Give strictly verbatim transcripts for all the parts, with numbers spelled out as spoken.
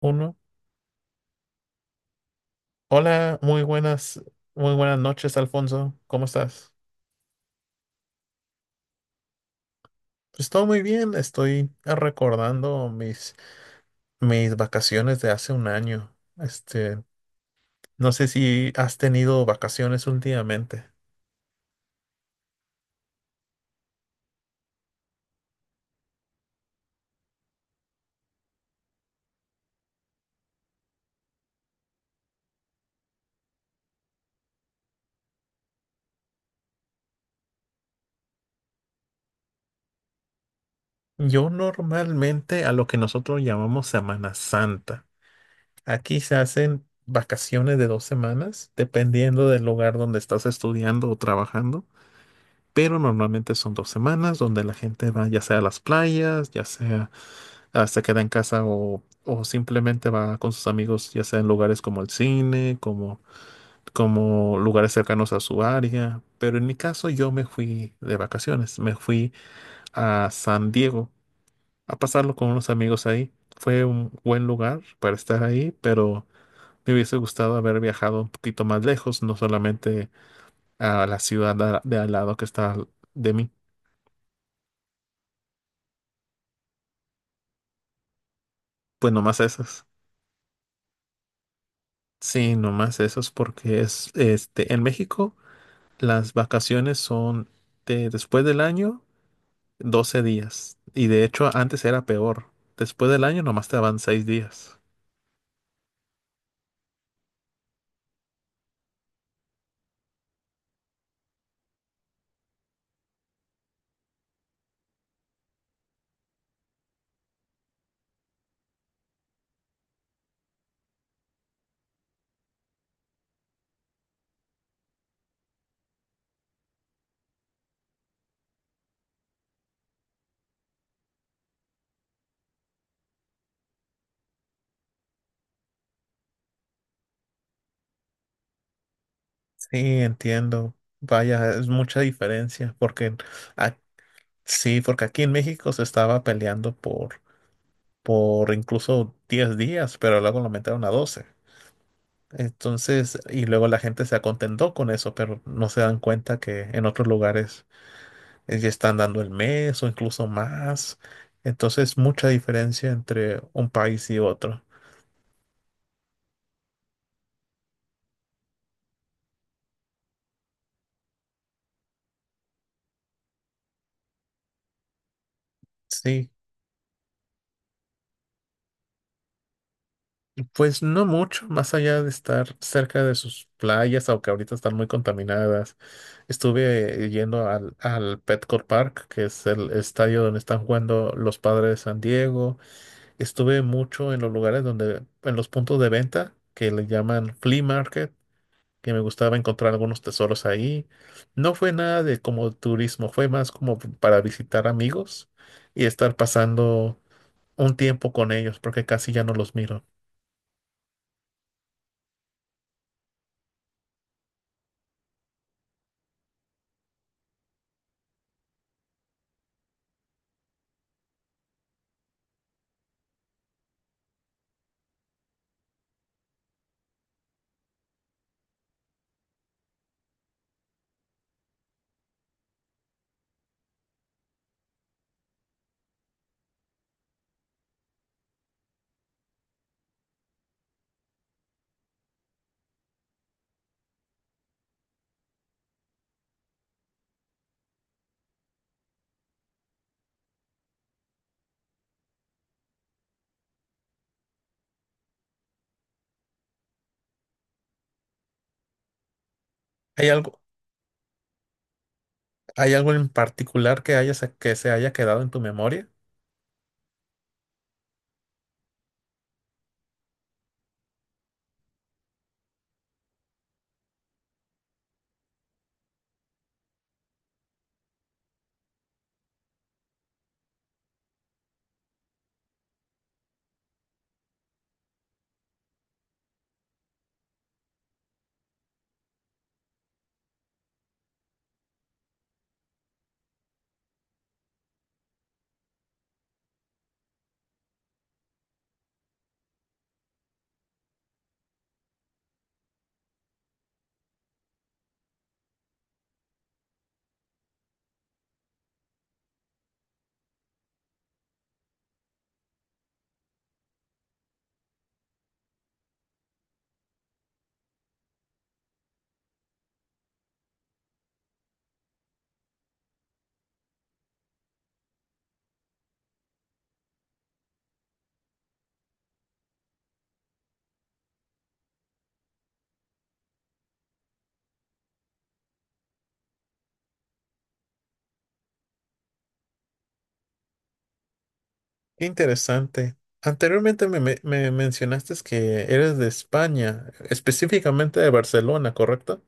Uno. Hola, muy buenas, muy buenas noches, Alfonso. ¿Cómo estás? Estoy muy bien, estoy recordando mis, mis vacaciones de hace un año. Este, no sé si has tenido vacaciones últimamente. Yo normalmente a lo que nosotros llamamos Semana Santa. Aquí se hacen vacaciones de dos semanas, dependiendo del lugar donde estás estudiando o trabajando. Pero normalmente son dos semanas donde la gente va ya sea a las playas, ya sea ah, se queda en casa o, o simplemente va con sus amigos, ya sea en lugares como el cine, como, como lugares cercanos a su área. Pero en mi caso yo me fui de vacaciones, me fui a San Diego a pasarlo con unos amigos ahí. Fue un buen lugar para estar ahí, pero me hubiese gustado haber viajado un poquito más lejos, no solamente a la ciudad a- de al lado que está de mí. Pues nomás esas. Sí, nomás esos porque es este en México. Las vacaciones son de después del año, doce días. Y de hecho, antes era peor. Después del año nomás te daban seis días. Sí, entiendo. Vaya, es mucha diferencia, porque a- sí, porque aquí en México se estaba peleando por, por incluso diez días, pero luego lo aumentaron a doce. Entonces, y luego la gente se acontentó con eso, pero no se dan cuenta que en otros lugares eh, que están dando el mes o incluso más. Entonces, mucha diferencia entre un país y otro. Sí, pues no mucho, más allá de estar cerca de sus playas, aunque ahorita están muy contaminadas. Estuve yendo al, al Petco Park, que es el estadio donde están jugando los Padres de San Diego. Estuve mucho en los lugares donde, en los puntos de venta que le llaman flea market, que me gustaba encontrar algunos tesoros ahí. No fue nada de como turismo, fue más como p- para visitar amigos y estar pasando un tiempo con ellos, porque casi ya no los miro. ¿Hay algo, hay algo en particular que haya que se haya quedado en tu memoria? Qué interesante. Anteriormente me, me- me mencionaste que eres de España, específicamente de Barcelona, ¿correcto?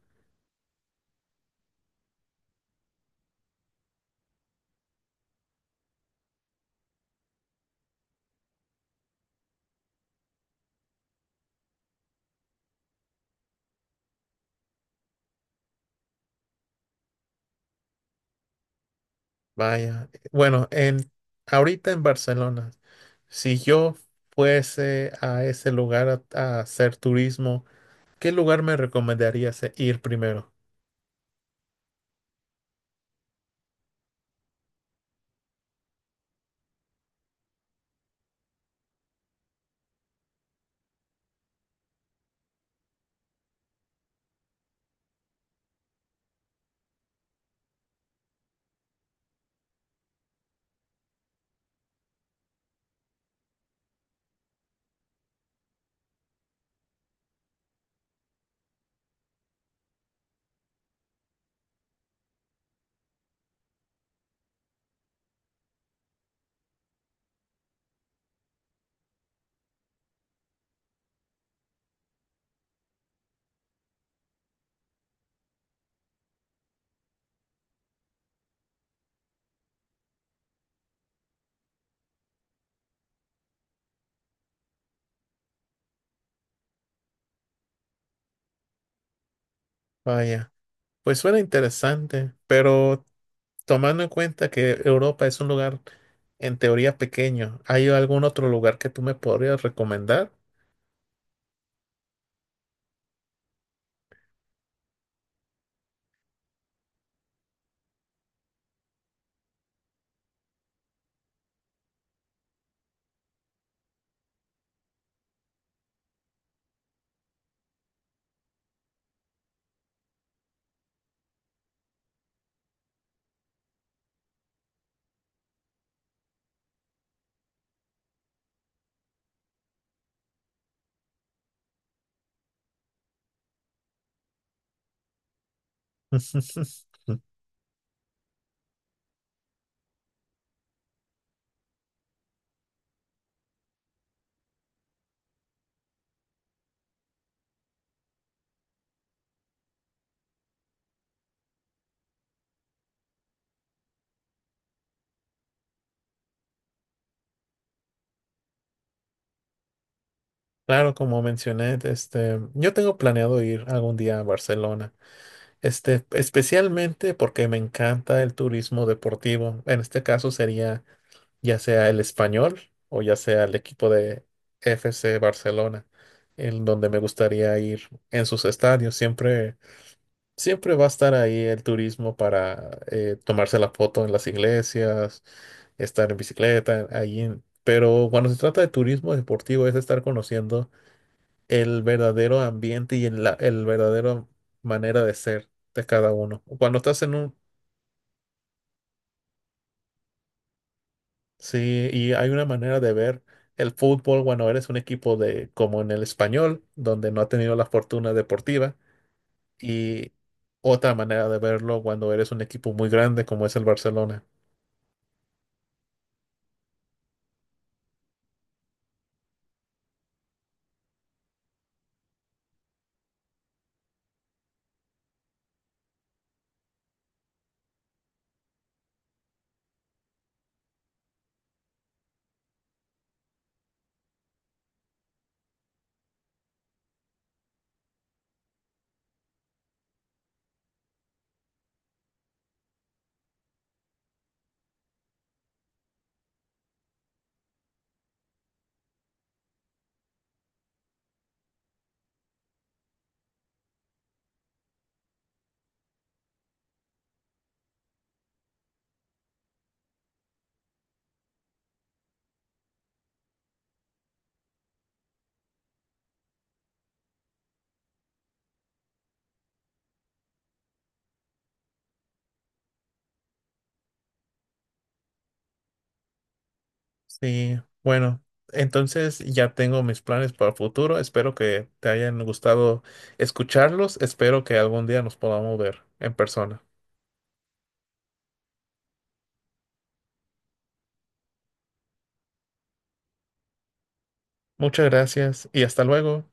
Vaya. Bueno, en ahorita en Barcelona. Si yo fuese a ese lugar a, a hacer turismo, ¿qué lugar me recomendarías e- ir primero? Vaya, pues suena interesante, pero tomando en cuenta que Europa es un lugar en teoría pequeño, ¿hay algún otro lugar que tú me podrías recomendar? Claro, como mencioné, este, yo tengo planeado ir algún día a Barcelona, este, especialmente porque me encanta el turismo deportivo. En este caso sería ya sea el Español o ya sea el equipo de F C Barcelona, en donde me gustaría ir en sus estadios. Siempre, siempre va a estar ahí el turismo para eh, tomarse la foto en las iglesias, estar en bicicleta, ahí. en- Pero cuando se trata de turismo deportivo es estar conociendo el verdadero ambiente y el, la, el verdadero manera de ser de cada uno. Cuando estás en un... Sí, y hay una manera de ver el fútbol cuando eres un equipo de, como en el español, donde no ha tenido la fortuna deportiva, y otra manera de verlo cuando eres un equipo muy grande como es el Barcelona. Sí, bueno, entonces ya tengo mis planes para el futuro. Espero que te hayan gustado escucharlos. Espero que algún día nos podamos ver en persona. Muchas gracias y hasta luego.